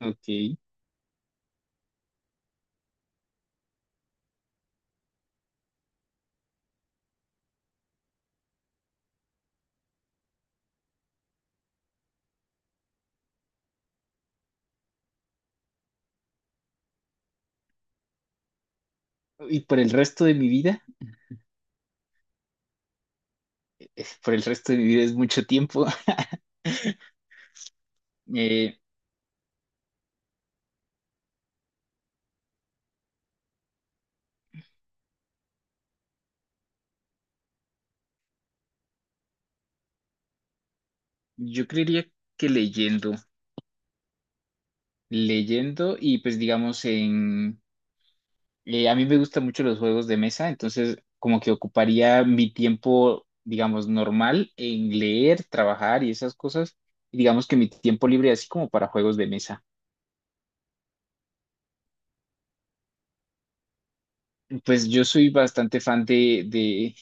Ok. Y por el resto de mi vida, por el resto de mi vida es mucho tiempo. Eh, yo creería que leyendo, leyendo y pues digamos a mí me gustan mucho los juegos de mesa, entonces como que ocuparía mi tiempo, digamos, normal en leer, trabajar y esas cosas, y digamos que mi tiempo libre así como para juegos de mesa. Pues yo soy bastante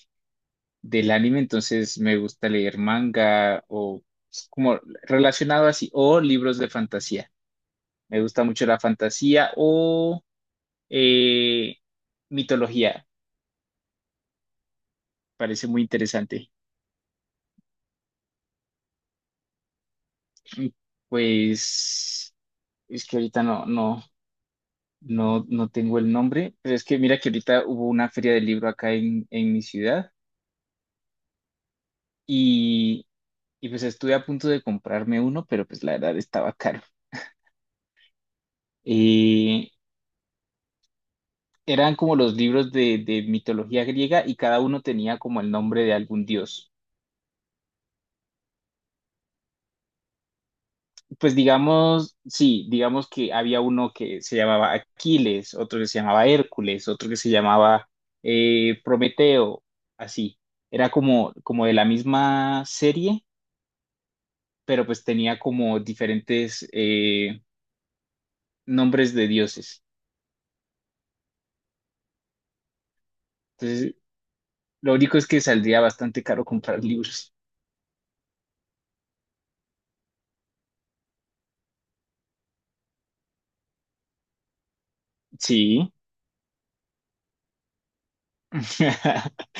del anime, entonces me gusta leer manga o como relacionado así, o libros de fantasía. Me gusta mucho la fantasía o eh, mitología, parece muy interesante. Pues es que ahorita no tengo el nombre, pero es que mira que ahorita hubo una feria del libro acá en mi ciudad y, y pues estuve a punto de comprarme uno, pero pues la verdad estaba caro. Eh, Eran como los libros de mitología griega y cada uno tenía como el nombre de algún dios. Pues digamos, sí, digamos que había uno que se llamaba Aquiles, otro que se llamaba Hércules, otro que se llamaba Prometeo, así. Era como, como de la misma serie, pero pues tenía como diferentes nombres de dioses. Entonces, lo único es que saldría bastante caro comprar libros. Sí.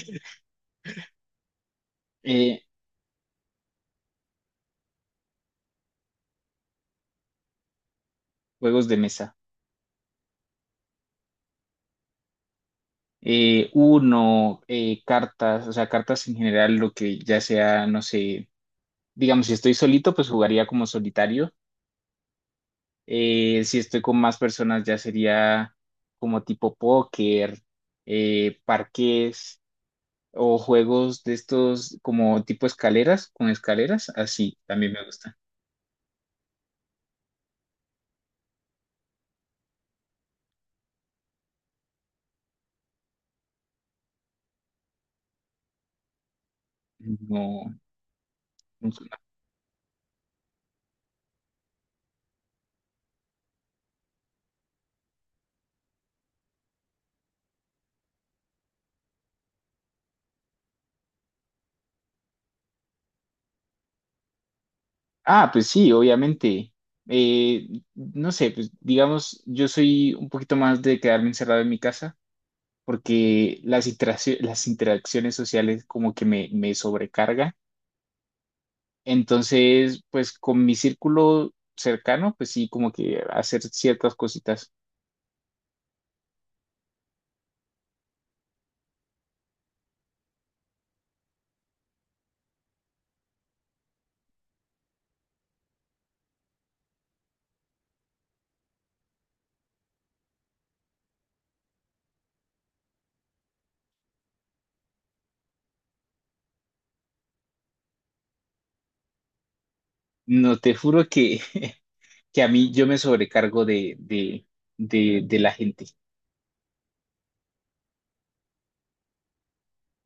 Eh, Juegos de mesa. Eh, cartas, o sea, cartas en general, lo que ya sea, no sé, digamos, si estoy solito, pues jugaría como solitario. Si estoy con más personas, ya sería como tipo póker, parqués o juegos de estos como tipo escaleras, con escaleras, así también me gusta. No, no soy- Ah, pues sí, obviamente. Eh, no sé, pues digamos, yo soy un poquito más de quedarme encerrado en mi casa. Porque las interacciones sociales como que me sobrecarga. Entonces, pues con mi círculo cercano, pues sí, como que hacer ciertas cositas. No, te juro que, que a mí yo me sobrecargo de la gente.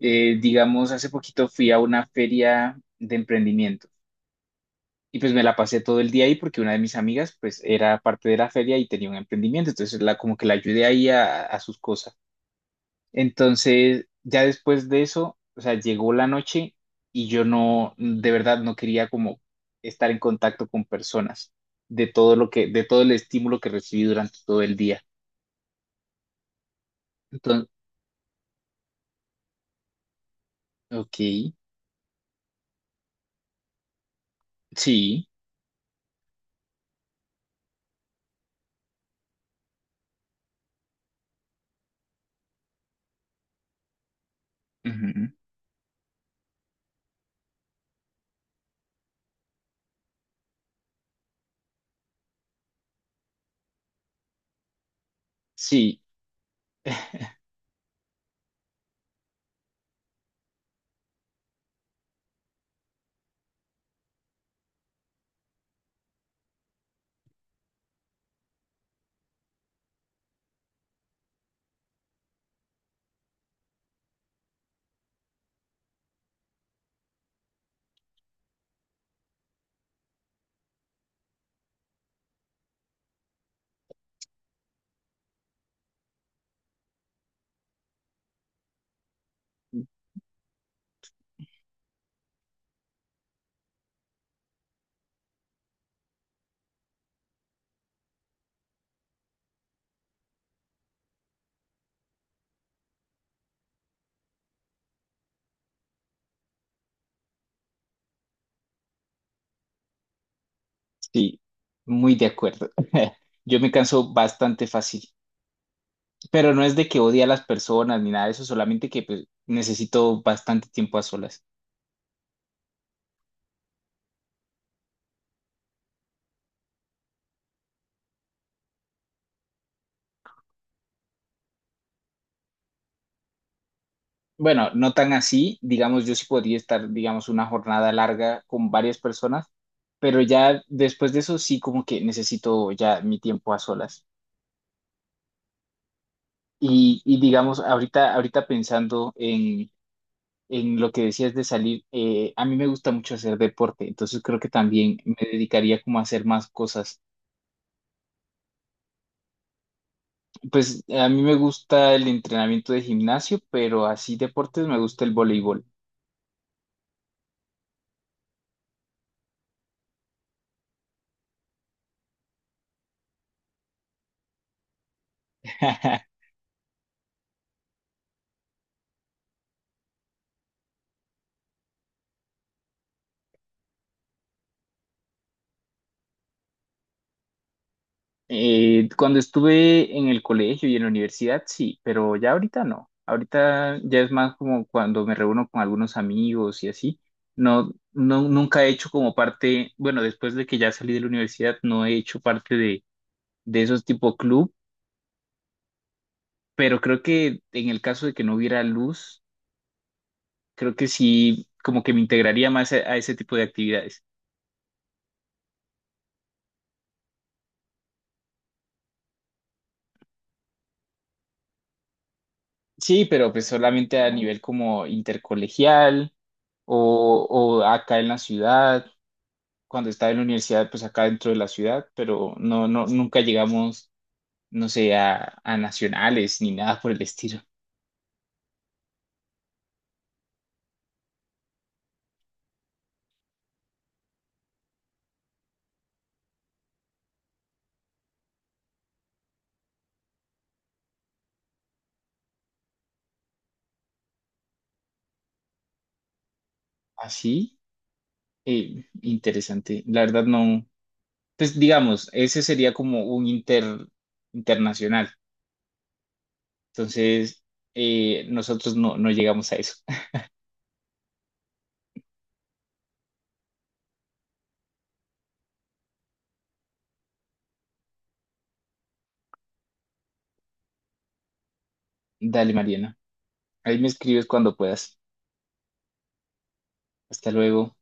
Digamos, hace poquito fui a una feria de emprendimiento. Y pues me la pasé todo el día ahí porque una de mis amigas pues era parte de la feria y tenía un emprendimiento, entonces la como que la ayudé ahí a sus cosas. Entonces, ya después de eso, o sea, llegó la noche y yo no, de verdad no quería como estar en contacto con personas de todo de todo el estímulo que recibí durante todo el día. Entonces, ok, sí, ujú, sí, sí, muy de acuerdo. Yo me canso bastante fácil, pero no es de que odie a las personas ni nada de eso, solamente que pues, necesito bastante tiempo a solas. Bueno, no tan así, digamos, yo sí podría estar, digamos, una jornada larga con varias personas, pero ya después de eso sí como que necesito ya mi tiempo a solas. Y digamos, ahorita pensando en lo que decías de salir, a mí me gusta mucho hacer deporte, entonces creo que también me dedicaría como a hacer más cosas. Pues a mí me gusta el entrenamiento de gimnasio, pero así deportes me gusta el voleibol. Cuando estuve en el colegio y en la universidad, sí, pero ya ahorita no. Ahorita ya es más como cuando me reúno con algunos amigos y así. No, nunca he hecho como parte, bueno, después de que ya salí de la universidad, no he hecho parte de esos tipo club, pero creo que en el caso de que no hubiera luz, creo que sí, como que me integraría más a ese tipo de actividades. Sí, pero pues solamente a nivel como intercolegial o acá en la ciudad cuando estaba en la universidad, pues acá dentro de la ciudad, pero no, no, nunca llegamos, no sé, a nacionales ni nada por el estilo. Así, interesante. La verdad no, pues digamos, ese sería como un internacional. Entonces, nosotros no, no llegamos a eso. Dale, Mariana. Ahí me escribes cuando puedas. Hasta luego.